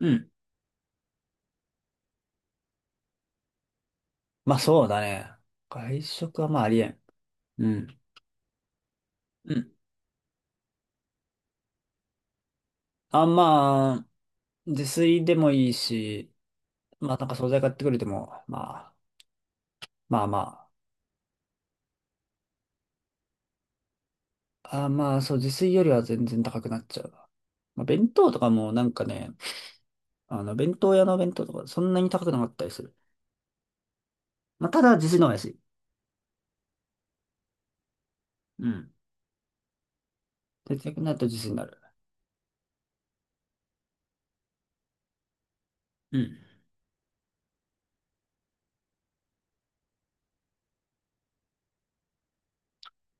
うん。まあそうだね。外食はまあありえん。うん。うん。あ、まあ、自炊でもいいし、まあなんか惣菜買ってくれても、まあ、まあまあ。あ、まあそう、自炊よりは全然高くなっちゃうな。まあ弁当とかもなんかね、あの弁当屋の弁当とかそんなに高くなかったりする。まあただ自炊の方が安い。うん。節約になると自炊になる。うん。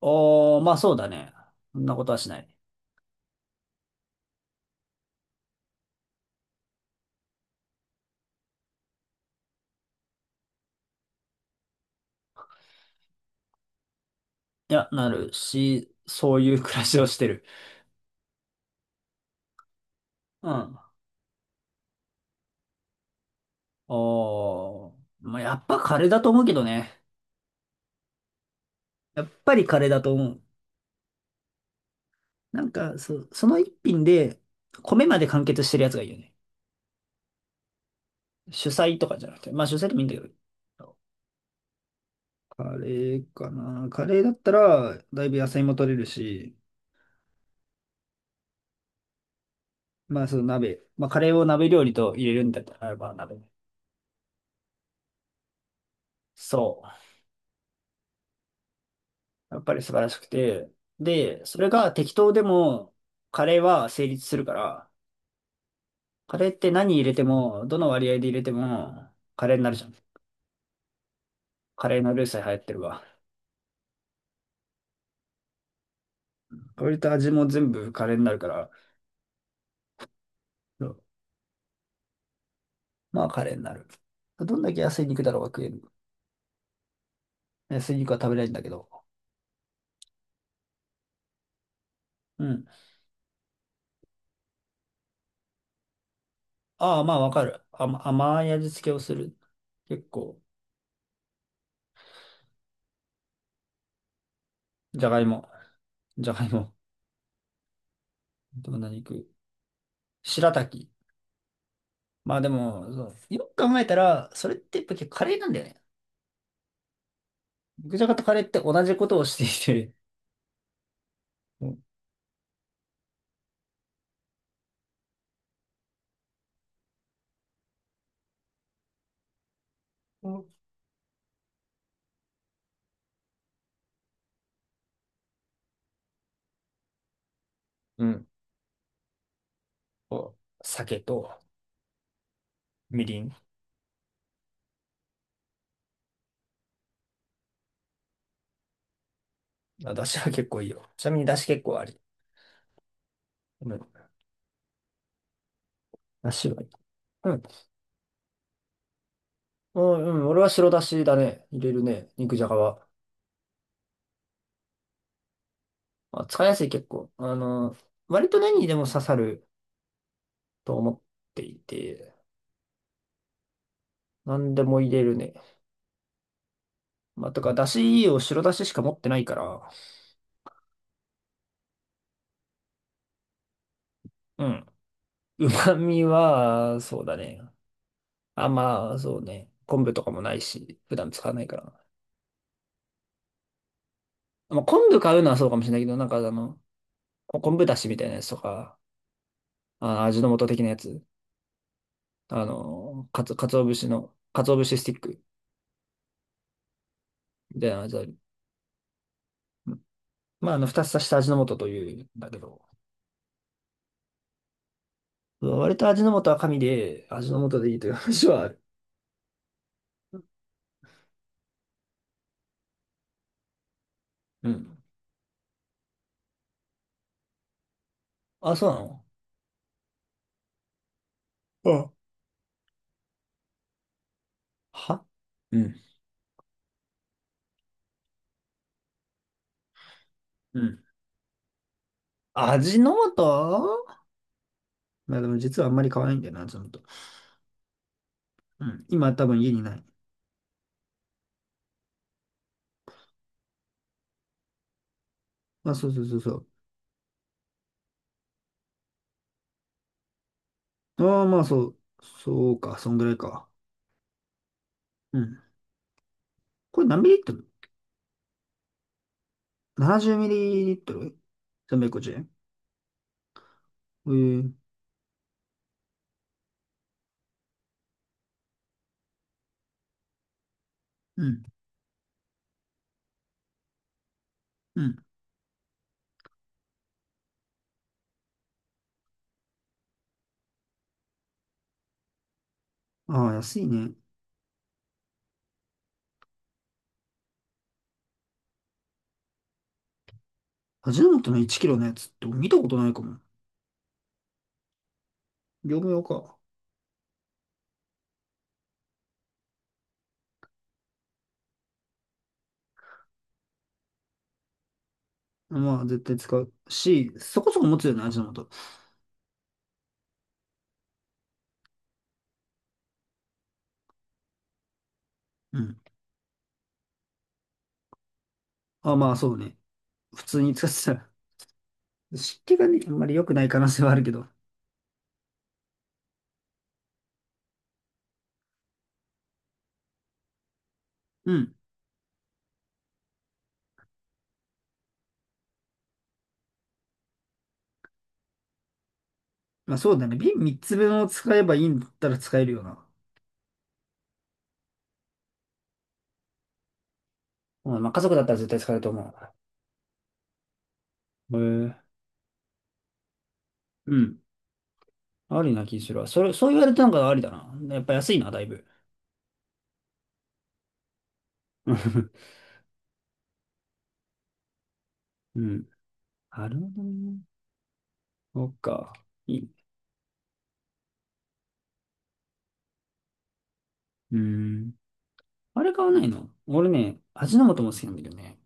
おー、まあそうだね。そんなことはしない。いや、なるし、そういう暮らしをしてる。うん。おー、まあ、やっぱカレーだと思うけどね。やっぱりカレーだと思う。なんか、その一品で、米まで完結してるやつがいいよね。主菜とかじゃなくて。まあ主菜でもいいんだけど。カレーかな。カレーだったら、だいぶ野菜も取れるし、まあその鍋。まあカレーを鍋料理と入れるんだったら、まあ鍋。そう。やっぱり素晴らしくて。で、それが適当でも、カレーは成立するから、カレーって何入れても、どの割合で入れても、カレーになるじゃん。カレーのルーさえ流行ってるわ。割と味も全部カレーになるから、そうまあカレーになる。どんだけ安い肉だろうが食える。安い肉は食べれないんだけど。うん。ああ、まあわかる。甘い味付けをする。結構、じゃがいも。じゃがいも。どんな肉白滝。まあでも、そうよく考えたら、それってやっぱ結構カレーなんだよね。肉じゃがとカレーって同じことをしていて、うんうん。こう酒とみりん。まあ、だしは結構いいよ。ちなみにだし結構あり。うんだしはいい。うん。うん、うん俺は白だしだね。入れるね。肉じゃがは。まあ、使いやすい結構。あの、割と何にでも刺さると思っていて、何でも入れるね。まあ、とか、だしを白だししか持ってないから、うん。旨味は、そうだね。あ、まあ、そうね。昆布とかもないし、普段使わないから。まあ、昆布買うのはそうかもしれないけど、なんかあの、昆布だしみたいなやつとか、あ、味の素的なやつ。あの、かつお節の、かつお節スティック。で、じゃあまあ、あの、2つ足した味の素というんだけど、割と味の素は神で、味の素でいいという話はある。うん。あ、そうなのうんはうん。うん。味の素まあでも実はあんまり買わないんだよな、味の素。うん。今多分家にない。あ、そうそうそうそう。ああ、まあそう。そうか、そんぐらいか。うん。これ何ミリリットル ?70 ミリリットル ?350 円えー、うん。うん。ああ、安いね。味の素の1キロのやつって見たことないかも。業務用か。まあ、絶対使うし、そこそこ持つよね、味の素。うん。あ、まあ、そうね。普通に使ってたら、湿気がね、あんまり良くない可能性はあるけど。うん。まあ、そうだね。瓶3つ分を使えばいいんだったら使えるよな。うん、まあ、家族だったら絶対使えると思う。へえ。うん。ありな気するわ。それ、そう言われたのがありだな。やっぱ安いな、だいぶ。うん。なるほどね。そっか。いい。うん。あれ買わないの俺ね、味の素も好きなんだけどね。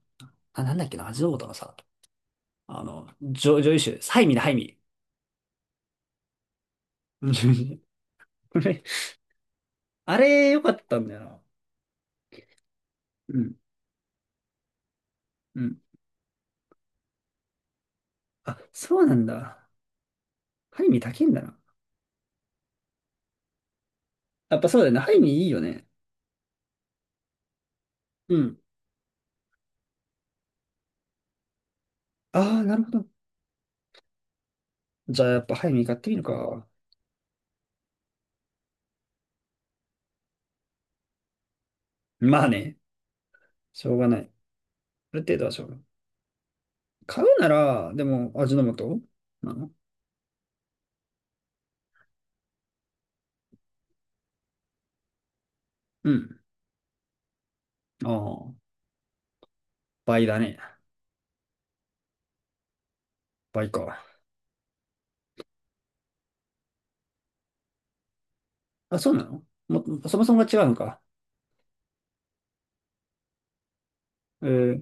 あ、なんだっけな、味の素のさ。あの、女優集です。はいみんな、はいみ。あれ、良かったんだよな。うん。うん。あ、そうなんだ。ハイミ高いんだな。やっぱそうだよね。ハイミいいよね。うん。ああ、なるほど。じゃあやっぱハイミ買ってみるか。まあね。しょうがない。ある程度はしょうがない。買うなら、でも、味の素なのうん。ああ、倍だね。倍か。あ、そうなのも、そもそもが違うのか。えー、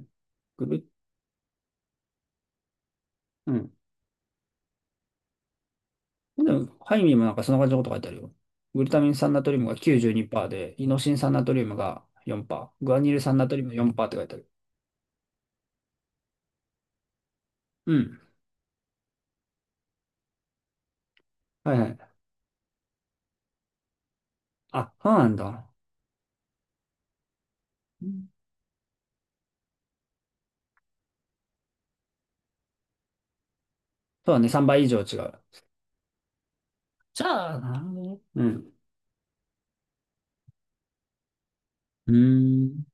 グル、うん。でも、ハイミーもなんかそんな感じのこと書いてあるよ。グルタミン酸ナトリウムが92%で、イノシン酸ナトリウムが4%、グアニル酸ナトリウム4%って書いてある。うん。はいはい。あ、そうなんだ。うんそうだね、3倍以上違う。じゃあ、なるほどね。うん。うーん。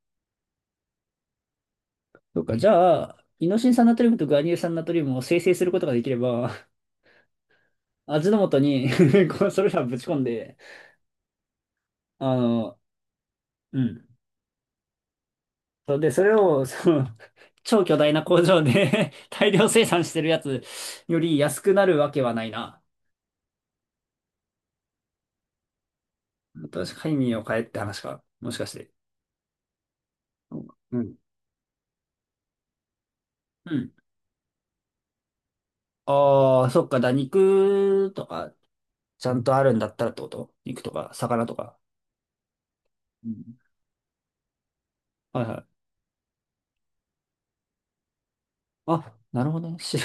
そうか、じゃあ、イノシン酸ナトリウムとグアニル酸ナトリウムを生成することができれば、味の素に こうそれらをぶち込んで、あの、うん。そうで、それを、その、超巨大な工場で 大量生産してるやつより安くなるわけはないな。確かに身を変えって話か。もしかして。うん。うん。ああ、そっか、肉とか、ちゃんとあるんだったらってこと肉とか、魚とか。うんはいはい。あ、なるほどね。白、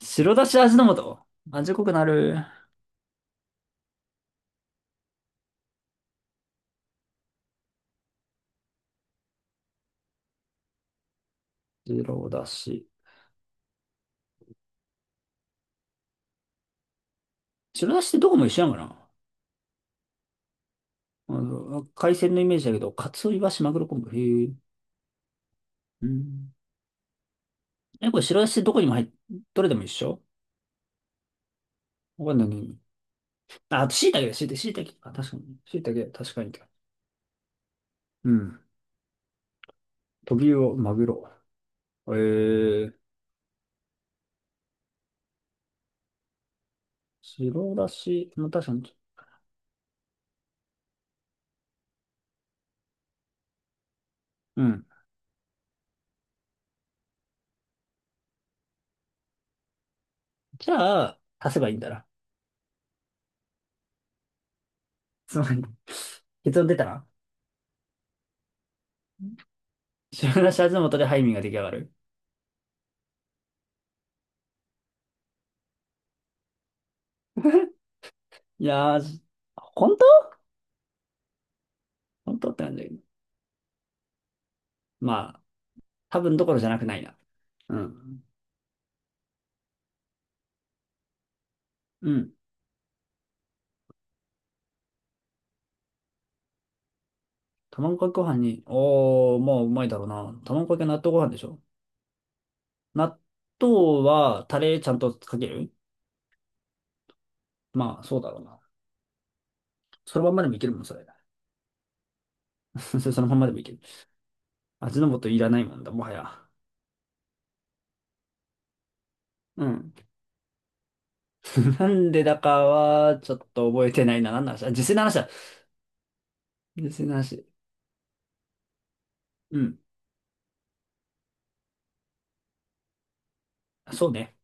白だし味の素。味濃くなる。白だし。白だしってどこも一緒やんかな。あの、海鮮のイメージだけど、カツオ、イワシ、マグロ、昆布。へえ。うん。え、これ白だしどこにも入っ、どれでも一緒わかんないね。あ、あと椎茸だ、椎茸、椎茸。あ、確かに。椎茸、確かに。うん。トビウオ、マグロ。えー、白だし、まあ、確かに。うん。じゃあ、足せばいいんだな。つまり、結論出たな。白だし味の素でハイミーが出来上がる。いやー、本当本当って感じだけど。まあ、多分どころじゃなくないな。うん。うん。卵かけご飯に、おー、まあ、うまいだろうな。卵かけ納豆ご飯でしょ納豆はタレちゃんとかけるまあ、そうだろうな。そのまんまでもいけるもん、それ。そのまんまでもいける。味の素いらないもんだ、もはや。うん。なんでだかは、ちょっと覚えてないな。何の話だ自炊の話だ。自炊の話。うん。そうね。